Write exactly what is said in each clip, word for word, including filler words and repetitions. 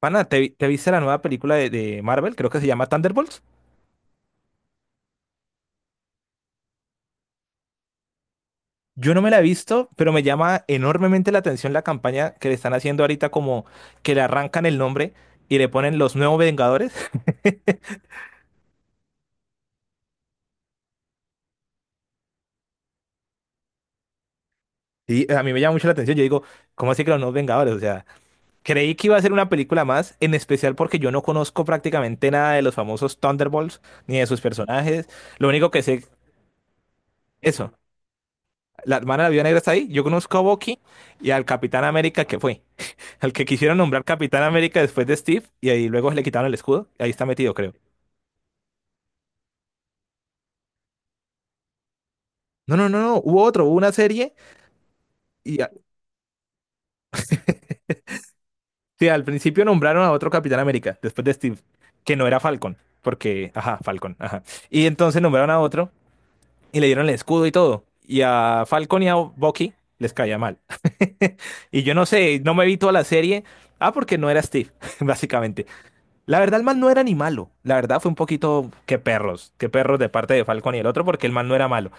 Pana, ¿te, te viste la nueva película de, de Marvel? Creo que se llama Thunderbolts. Yo no me la he visto, pero me llama enormemente la atención la campaña que le están haciendo ahorita, como que le arrancan el nombre y le ponen los nuevos Vengadores. Y a mí me llama mucho la atención. Yo digo, ¿cómo así que los nuevos Vengadores? O sea, creí que iba a ser una película más, en especial porque yo no conozco prácticamente nada de los famosos Thunderbolts ni de sus personajes. Lo único que sé, eso, la hermana de la Viuda Negra está ahí. Yo conozco a Bucky y al Capitán América que fue. Al que quisieron nombrar Capitán América después de Steve y ahí luego le quitaron el escudo. Y Ahí está metido, creo. No, no, no, no. Hubo otro, hubo una serie y a- sí, al principio nombraron a otro Capitán América después de Steve, que no era Falcon, porque, ajá, Falcon, ajá. Y entonces nombraron a otro y le dieron el escudo y todo. Y a Falcon y a Bucky les caía mal. Y yo no sé, no me vi toda la serie. Ah, porque no era Steve, básicamente. La verdad, el man no era ni malo. La verdad fue un poquito que perros, que perros de parte de Falcon y el otro, porque el man no era malo.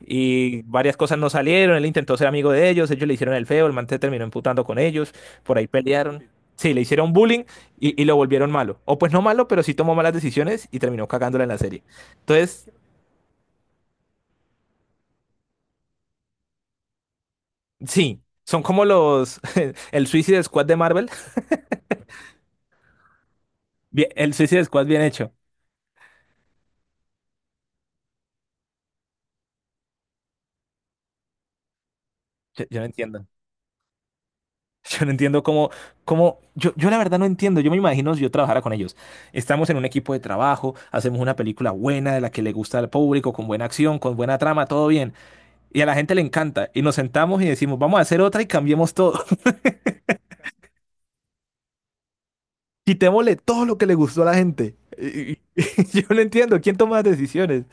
Y varias cosas no salieron, él intentó ser amigo de ellos, ellos le hicieron el feo, el man se terminó emputando con ellos, por ahí pelearon. Sí, le hicieron bullying y, y lo volvieron malo. O pues no malo, pero sí tomó malas decisiones y terminó cagándola en la serie. Entonces, sí, son como los... el Suicide Squad de Marvel. Bien, el Suicide Squad bien hecho. Yo, yo no entiendo. Yo no entiendo cómo, cómo, yo, yo la verdad no entiendo, yo me imagino si yo trabajara con ellos. Estamos en un equipo de trabajo, hacemos una película buena, de la que le gusta al público, con buena acción, con buena trama, todo bien. Y a la gente le encanta. Y nos sentamos y decimos, vamos a hacer otra y cambiemos todo. Quitémosle todo lo que le gustó a la gente. Y- y- yo no entiendo, ¿quién toma las decisiones?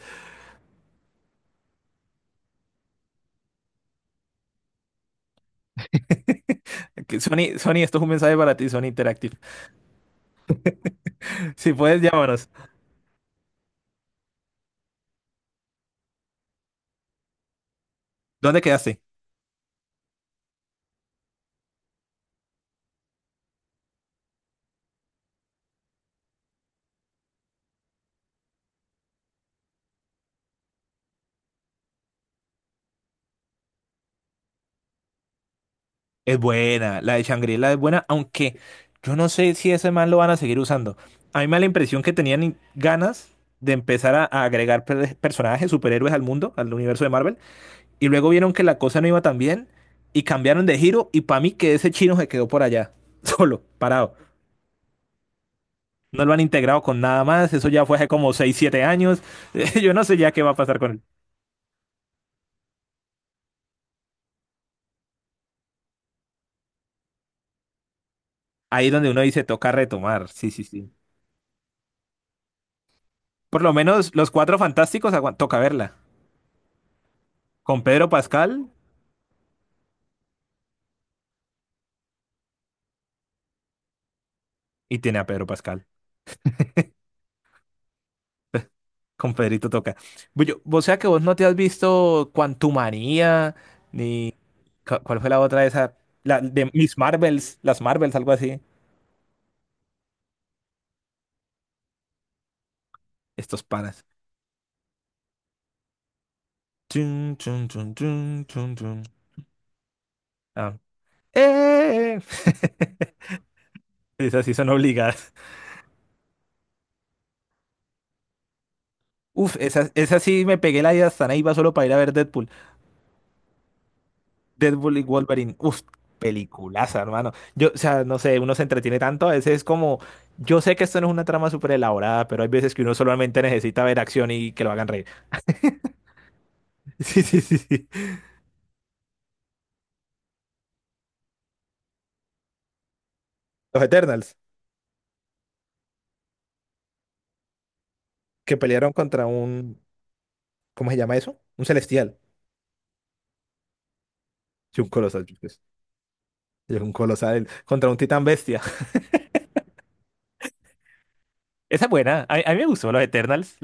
Que Sony, Sony, esto es un mensaje para ti, Sony Interactive. Si puedes, llámanos. ¿Dónde quedaste? Es buena, la de Shangri-La es buena, aunque yo no sé si ese man lo van a seguir usando. A mí me da la impresión que tenían in- ganas de empezar a, a agregar per- personajes, superhéroes al mundo, al universo de Marvel, y luego vieron que la cosa no iba tan bien y cambiaron de giro y para mí que ese chino se quedó por allá, solo, parado. No lo han integrado con nada más, eso ya fue hace como seis, siete años, yo no sé ya qué va a pasar con él. Ahí es donde uno dice, toca retomar, sí, sí, sí. Por lo menos los Cuatro Fantásticos aguan- toca verla. Con Pedro Pascal. Y tiene a Pedro Pascal. Con Pedrito toca. Bullo, o sea que vos no te has visto Quantumania. cu- ¿Cuál fue la otra de esa? La de Miss Marvels, las Marvels, algo así. Estos panas. Chun, chun, chun, chun, chun, chun. Ah. ¡Eh! Esas sí son obligadas. Uf, esas, esas sí me pegué la idea hasta ahí iba solo para ir a ver Deadpool. Deadpool y Wolverine. Uf, peliculaza, hermano. Yo, o sea, no sé, uno se entretiene tanto. A veces es como, yo sé que esto no es una trama súper elaborada, pero hay veces que uno solamente necesita ver acción y que lo hagan reír. Sí, sí, sí, sí. Los Eternals, que pelearon contra un, ¿cómo se llama eso? Un celestial. Sí, un colosal, pues. Sí, un colosal contra un titán bestia. Esa es buena. A, a mí me gustó los Eternals.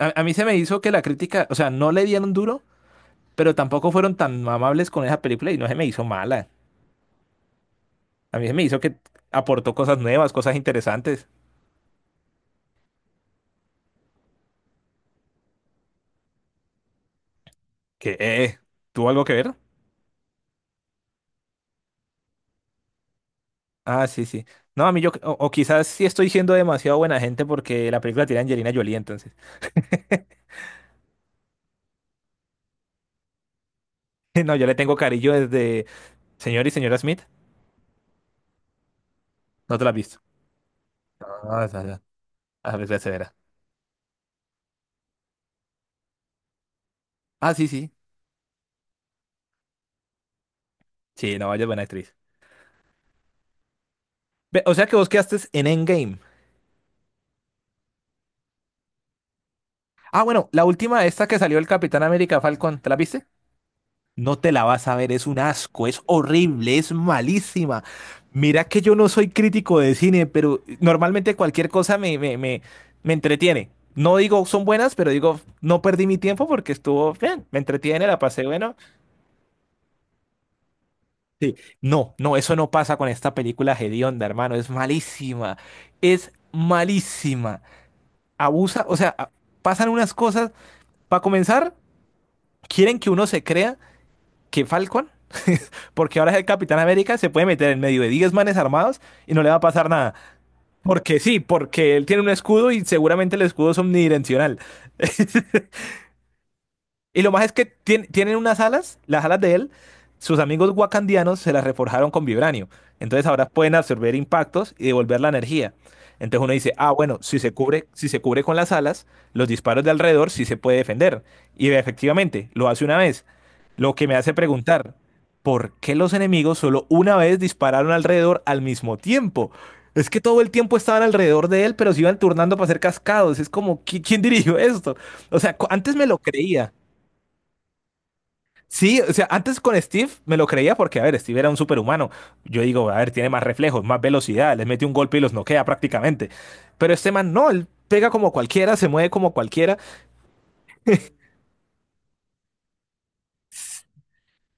A, a mí se me hizo que la crítica, o sea, no le dieron duro, pero tampoco fueron tan amables con esa película y no se me hizo mala. A mí se me hizo que aportó cosas nuevas, cosas interesantes. Que, eh, ¿tuvo algo que ver? Ah, sí, sí. No, a mí yo, o, o quizás sí estoy siendo demasiado buena gente porque la película tiene a Angelina Jolie, entonces. No, yo le tengo cariño desde Señor y Señora Smith. ¿No te la has visto? Ah, esa esa A ver, se verá. Ah, sí, sí. Sí, no, vaya buena actriz. Ve, o sea que vos quedaste en Endgame. Ah, bueno, la última, esta que salió el Capitán América Falcon, ¿te la viste? No te la vas a ver, es un asco, es horrible, es malísima. Mira que yo no soy crítico de cine, pero normalmente cualquier cosa me, me, me, me entretiene. No digo son buenas, pero digo, no perdí mi tiempo porque estuvo bien, me entretiene, la pasé bueno. Sí. No, no, eso no pasa con esta película hedionda, hermano, es malísima, es malísima. Abusa, o sea, a- pasan unas cosas. Para comenzar, quieren que uno se crea. Que Falcon, porque ahora es el Capitán América, se puede meter en medio de diez manes armados y no le va a pasar nada. Porque sí, porque él tiene un escudo y seguramente el escudo es omnidireccional. Y lo más es que tien- tienen unas alas, las alas de él, sus amigos wakandianos se las reforjaron con vibranio. Entonces ahora pueden absorber impactos y devolver la energía. Entonces uno dice, ah, bueno, si se cubre, si se cubre con las alas, los disparos de alrededor sí se puede defender. Y efectivamente, lo hace una vez. Lo que me hace preguntar, ¿por qué los enemigos solo una vez dispararon alrededor al mismo tiempo? Es que todo el tiempo estaban alrededor de él, pero se iban turnando para ser cascados. Es como, ¿qui- ¿quién dirigió esto? O sea, cu- antes me lo creía. Sí, o sea, antes con Steve me lo creía porque, a ver, Steve era un superhumano. Yo digo, a ver, tiene más reflejos, más velocidad, les mete un golpe y los noquea prácticamente. Pero este man no, él pega como cualquiera, se mueve como cualquiera.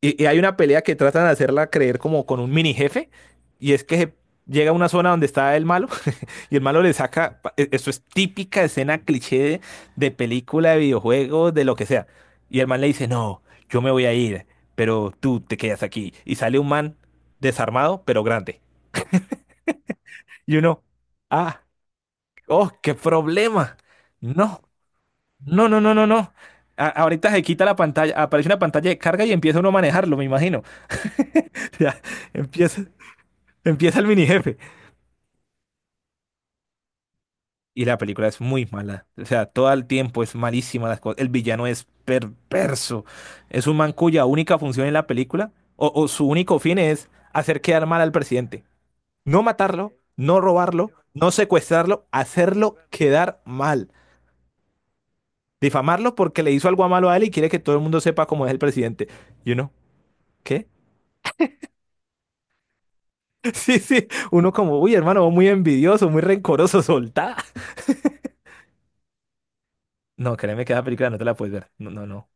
Y, y hay una pelea que tratan de hacerla creer como con un mini jefe. Y es que se- llega a una zona donde está el malo y el malo le saca, pa- e- eso es típica escena cliché de, de película, de videojuegos, de lo que sea. Y el man le dice, no, yo me voy a ir, pero tú te quedas aquí. Y sale un man desarmado, pero grande. Y uno, ah, oh, qué problema. No, no, no, no, no, no. A- ahorita se quita la pantalla, aparece una pantalla de carga y empieza uno a manejarlo, me imagino. O sea, empieza, empieza el mini jefe. Y la película es muy mala. O sea, todo el tiempo es malísima las cosas. El villano es perverso. Es un man cuya única función en la película, o, o su único fin es hacer quedar mal al presidente. No matarlo, no robarlo, no secuestrarlo, hacerlo quedar mal. Difamarlo porque le hizo algo malo a él y quiere que todo el mundo sepa cómo es el presidente. Y uno, ¿qué? Sí, sí. Uno como, uy, hermano, vos muy envidioso, muy rencoroso, soltá. No, créeme que esa película no te la puedes ver. No, no, no.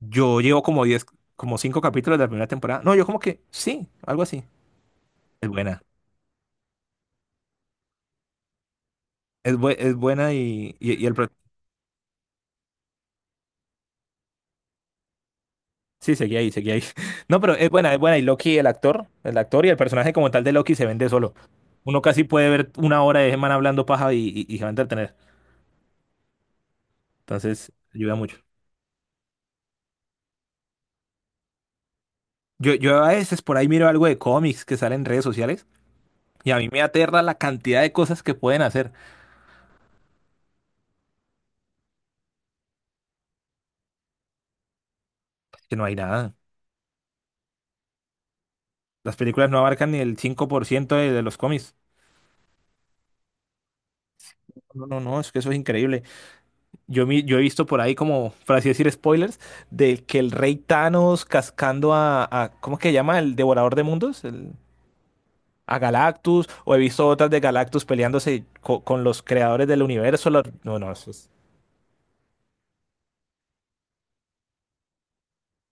Yo llevo como diez, como cinco capítulos de la primera temporada. No, yo como que, sí, algo así. Es buena. Es, bue- es buena y, y, y el... pro- Sí, seguí ahí, seguí ahí. No, pero es buena, es buena. Y Loki, el actor, el actor y el personaje como tal de Loki se vende solo. Uno casi puede ver una hora de ese man hablando paja y, y, y se va a entretener. Entonces, ayuda mucho. Yo, yo a veces por ahí miro algo de cómics que salen en redes sociales y a mí me aterra la cantidad de cosas que pueden hacer, que no hay nada. Las películas no abarcan ni el cinco por ciento de, de los cómics. No, no, no, es que eso es increíble. Yo, mi- yo he visto por ahí como, por así decir, spoilers, de que el rey Thanos cascando a, a- ¿cómo que se llama? El devorador de mundos, el- a Galactus, o he visto otras de Galactus peleándose co- con los creadores del universo. los- no, no, eso es-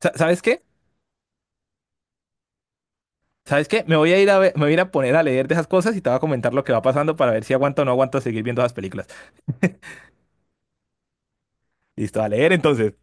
Sa- ¿Sabes qué? ¿Sabes qué? Me voy a ir a ver- me voy a ir a poner a leer de esas cosas y te voy a comentar lo que va pasando para ver si aguanto o no aguanto seguir viendo esas películas. Listo, a leer entonces.